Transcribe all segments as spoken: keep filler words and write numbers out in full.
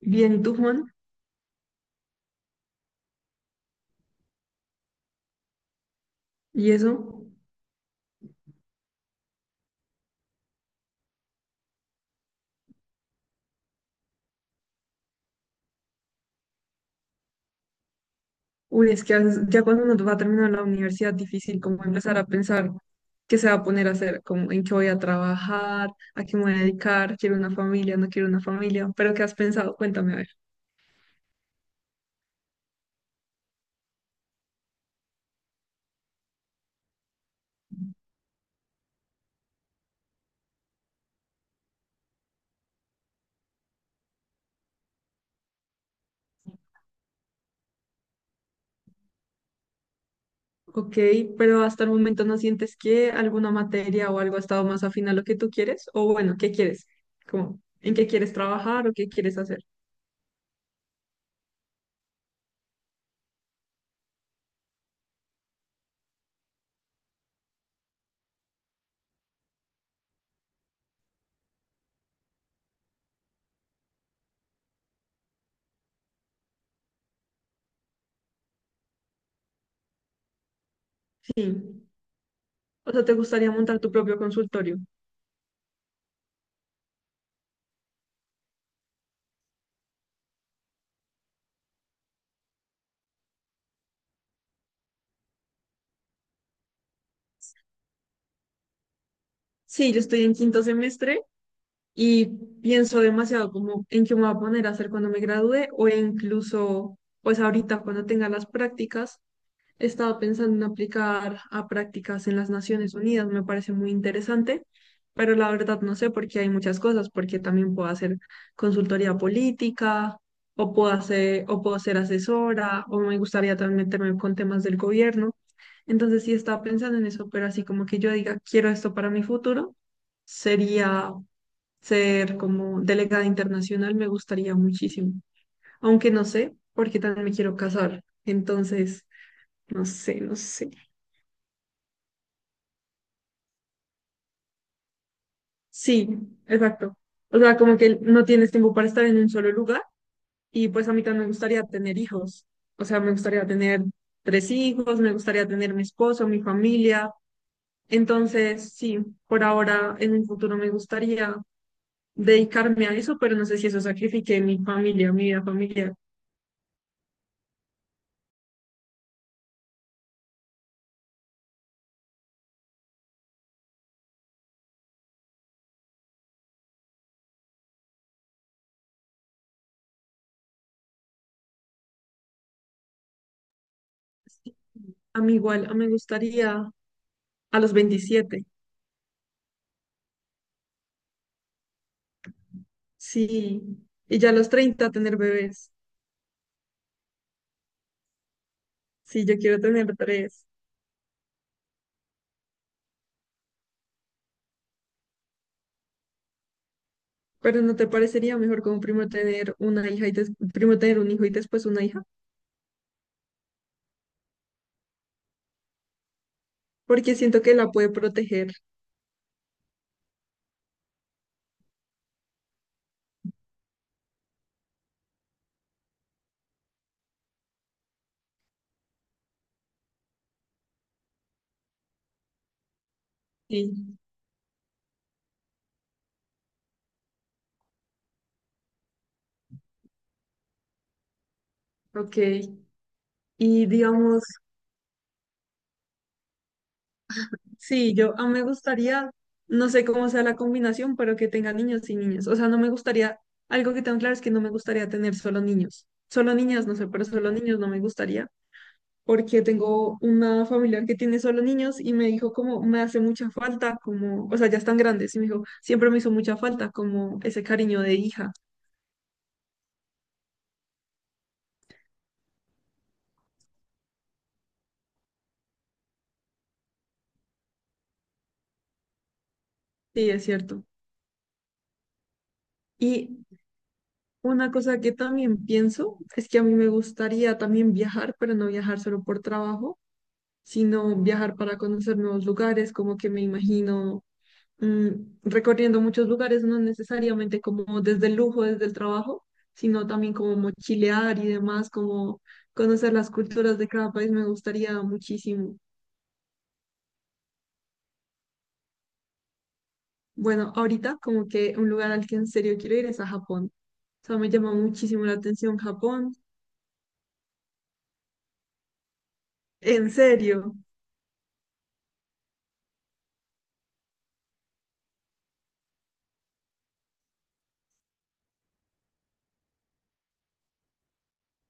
Bien, y tú, Juan. Y eso, uy, es que as- ya cuando uno va a terminar la universidad, difícil como empezar a pensar qué se va a poner a hacer, como en qué voy a trabajar, a qué me voy a dedicar, quiero una familia, no quiero una familia, pero ¿qué has pensado? Cuéntame, a ver. Ok, pero hasta el momento ¿no sientes que alguna materia o algo ha estado más afín a lo que tú quieres? O bueno, ¿qué quieres? Como, ¿en qué quieres trabajar o qué quieres hacer? Sí. O sea, ¿te gustaría montar tu propio consultorio? Sí, yo estoy en quinto semestre y pienso demasiado como en qué me voy a poner a hacer cuando me gradúe, o incluso pues ahorita cuando tenga las prácticas. Estaba pensando en aplicar a prácticas en las Naciones Unidas, me parece muy interesante, pero la verdad no sé porque hay muchas cosas, porque también puedo hacer consultoría política, o puedo hacer, o puedo ser asesora, o me gustaría también meterme con temas del gobierno. Entonces sí estaba pensando en eso, pero así como que yo diga, quiero esto para mi futuro, sería ser como delegada internacional, me gustaría muchísimo, aunque no sé porque también me quiero casar, entonces, no sé, no sé. Sí, exacto. O sea, como que no tienes tiempo para estar en un solo lugar, y pues a mí también me gustaría tener hijos, o sea, me gustaría tener tres hijos, me gustaría tener mi esposo, mi familia, entonces, sí, por ahora, en un futuro me gustaría dedicarme a eso, pero no sé si eso sacrifique mi familia, mi vida familiar. Sí. A mí igual, me gustaría. A los veintisiete, sí. Y ya a los treinta tener bebés. Sí, yo quiero tener tres. Pero ¿no te parecería mejor como primero tener una hija y des- primero tener un hijo y después una hija? Porque siento que la puede proteger. Sí, ok. Y digamos, sí, yo a me gustaría, no sé cómo sea la combinación, pero que tenga niños y niñas. O sea, no me gustaría, algo que tengo claro es que no me gustaría tener solo niños. Solo niñas, no sé, pero solo niños no me gustaría. Porque tengo una familiar que tiene solo niños y me dijo como me hace mucha falta, como, o sea, ya están grandes, y me dijo, siempre me hizo mucha falta como ese cariño de hija. Sí, es cierto. Y una cosa que también pienso es que a mí me gustaría también viajar, pero no viajar solo por trabajo, sino viajar para conocer nuevos lugares, como que me imagino mm, recorriendo muchos lugares, no necesariamente como desde el lujo, desde el trabajo, sino también como mochilear y demás, como conocer las culturas de cada país, me gustaría muchísimo. Bueno, ahorita como que un lugar al que en serio quiero ir es a Japón. O sea, me llama muchísimo la atención Japón. En serio.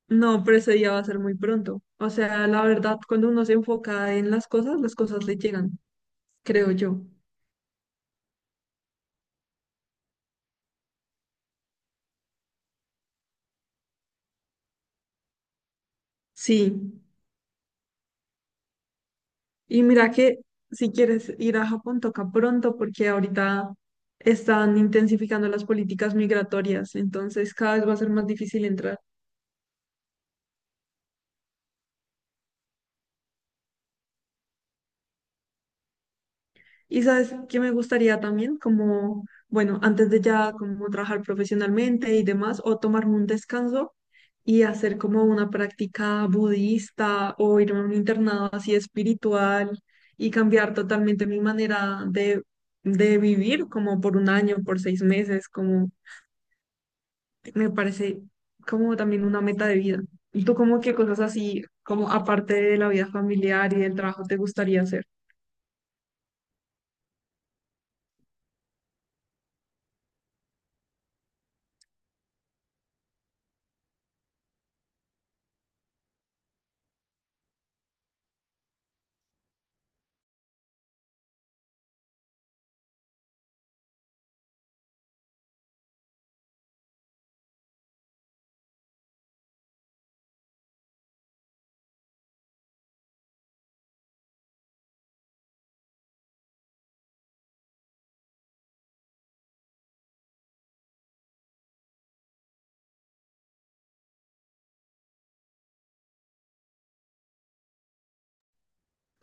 No, pero ese día va a ser muy pronto. O sea, la verdad, cuando uno se enfoca en las cosas, las cosas le llegan, creo yo. Sí. Y mira que si quieres ir a Japón, toca pronto porque ahorita están intensificando las políticas migratorias, entonces cada vez va a ser más difícil entrar. Y sabes que me gustaría también, como, bueno, antes de ya como trabajar profesionalmente y demás, o tomarme un descanso y hacer como una práctica budista o irme a un internado así espiritual y cambiar totalmente mi manera de, de vivir, como por un año, por seis meses, como me parece como también una meta de vida. ¿Y tú como qué cosas así, como aparte de la vida familiar y del trabajo, te gustaría hacer?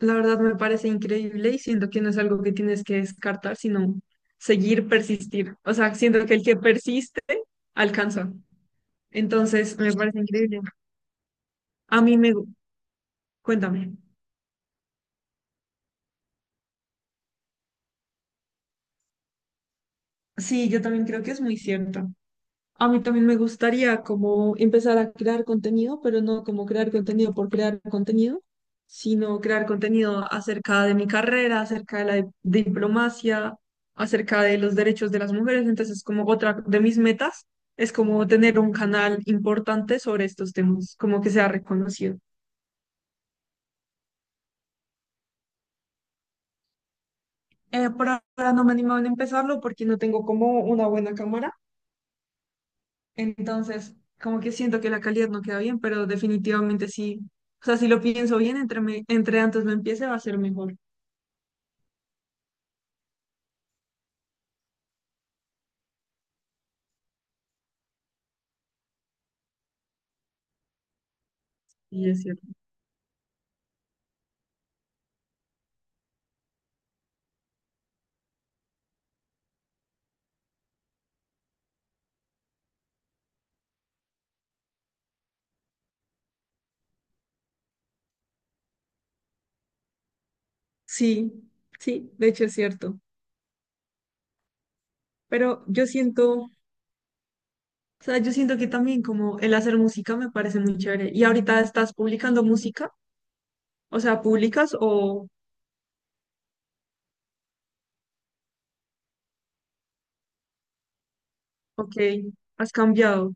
La verdad me parece increíble y siento que no es algo que tienes que descartar, sino seguir, persistir. O sea, siento que el que persiste alcanza. Entonces, me parece increíble. A mí me... gu- Cuéntame. Sí, yo también creo que es muy cierto. A mí también me gustaría como empezar a crear contenido, pero no como crear contenido por crear contenido, sino crear contenido acerca de mi carrera, acerca de la di- diplomacia, acerca de los derechos de las mujeres. Entonces, como otra de mis metas es como tener un canal importante sobre estos temas, como que sea reconocido. Eh, por ahora no me animo a empezarlo porque no tengo como una buena cámara. Entonces, como que siento que la calidad no queda bien, pero definitivamente sí. O sea, si lo pienso bien, entre, me- entre antes lo empiece va a ser mejor. Y es cierto. Sí, sí, de hecho es cierto. Pero yo siento, o sea, yo siento que también como el hacer música me parece muy chévere. ¿Y ahorita estás publicando música? O sea, ¿publicas o, ok, has cambiado?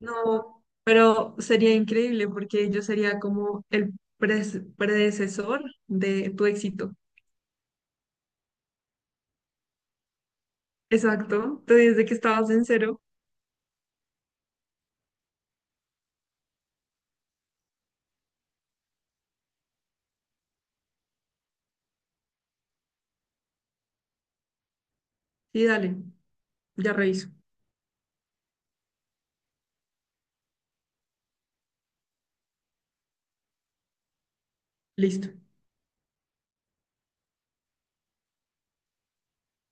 No, pero sería increíble porque yo sería como el pres- predecesor de tu éxito. Exacto, te dije de que estabas en cero y dale, ya reviso. Listo.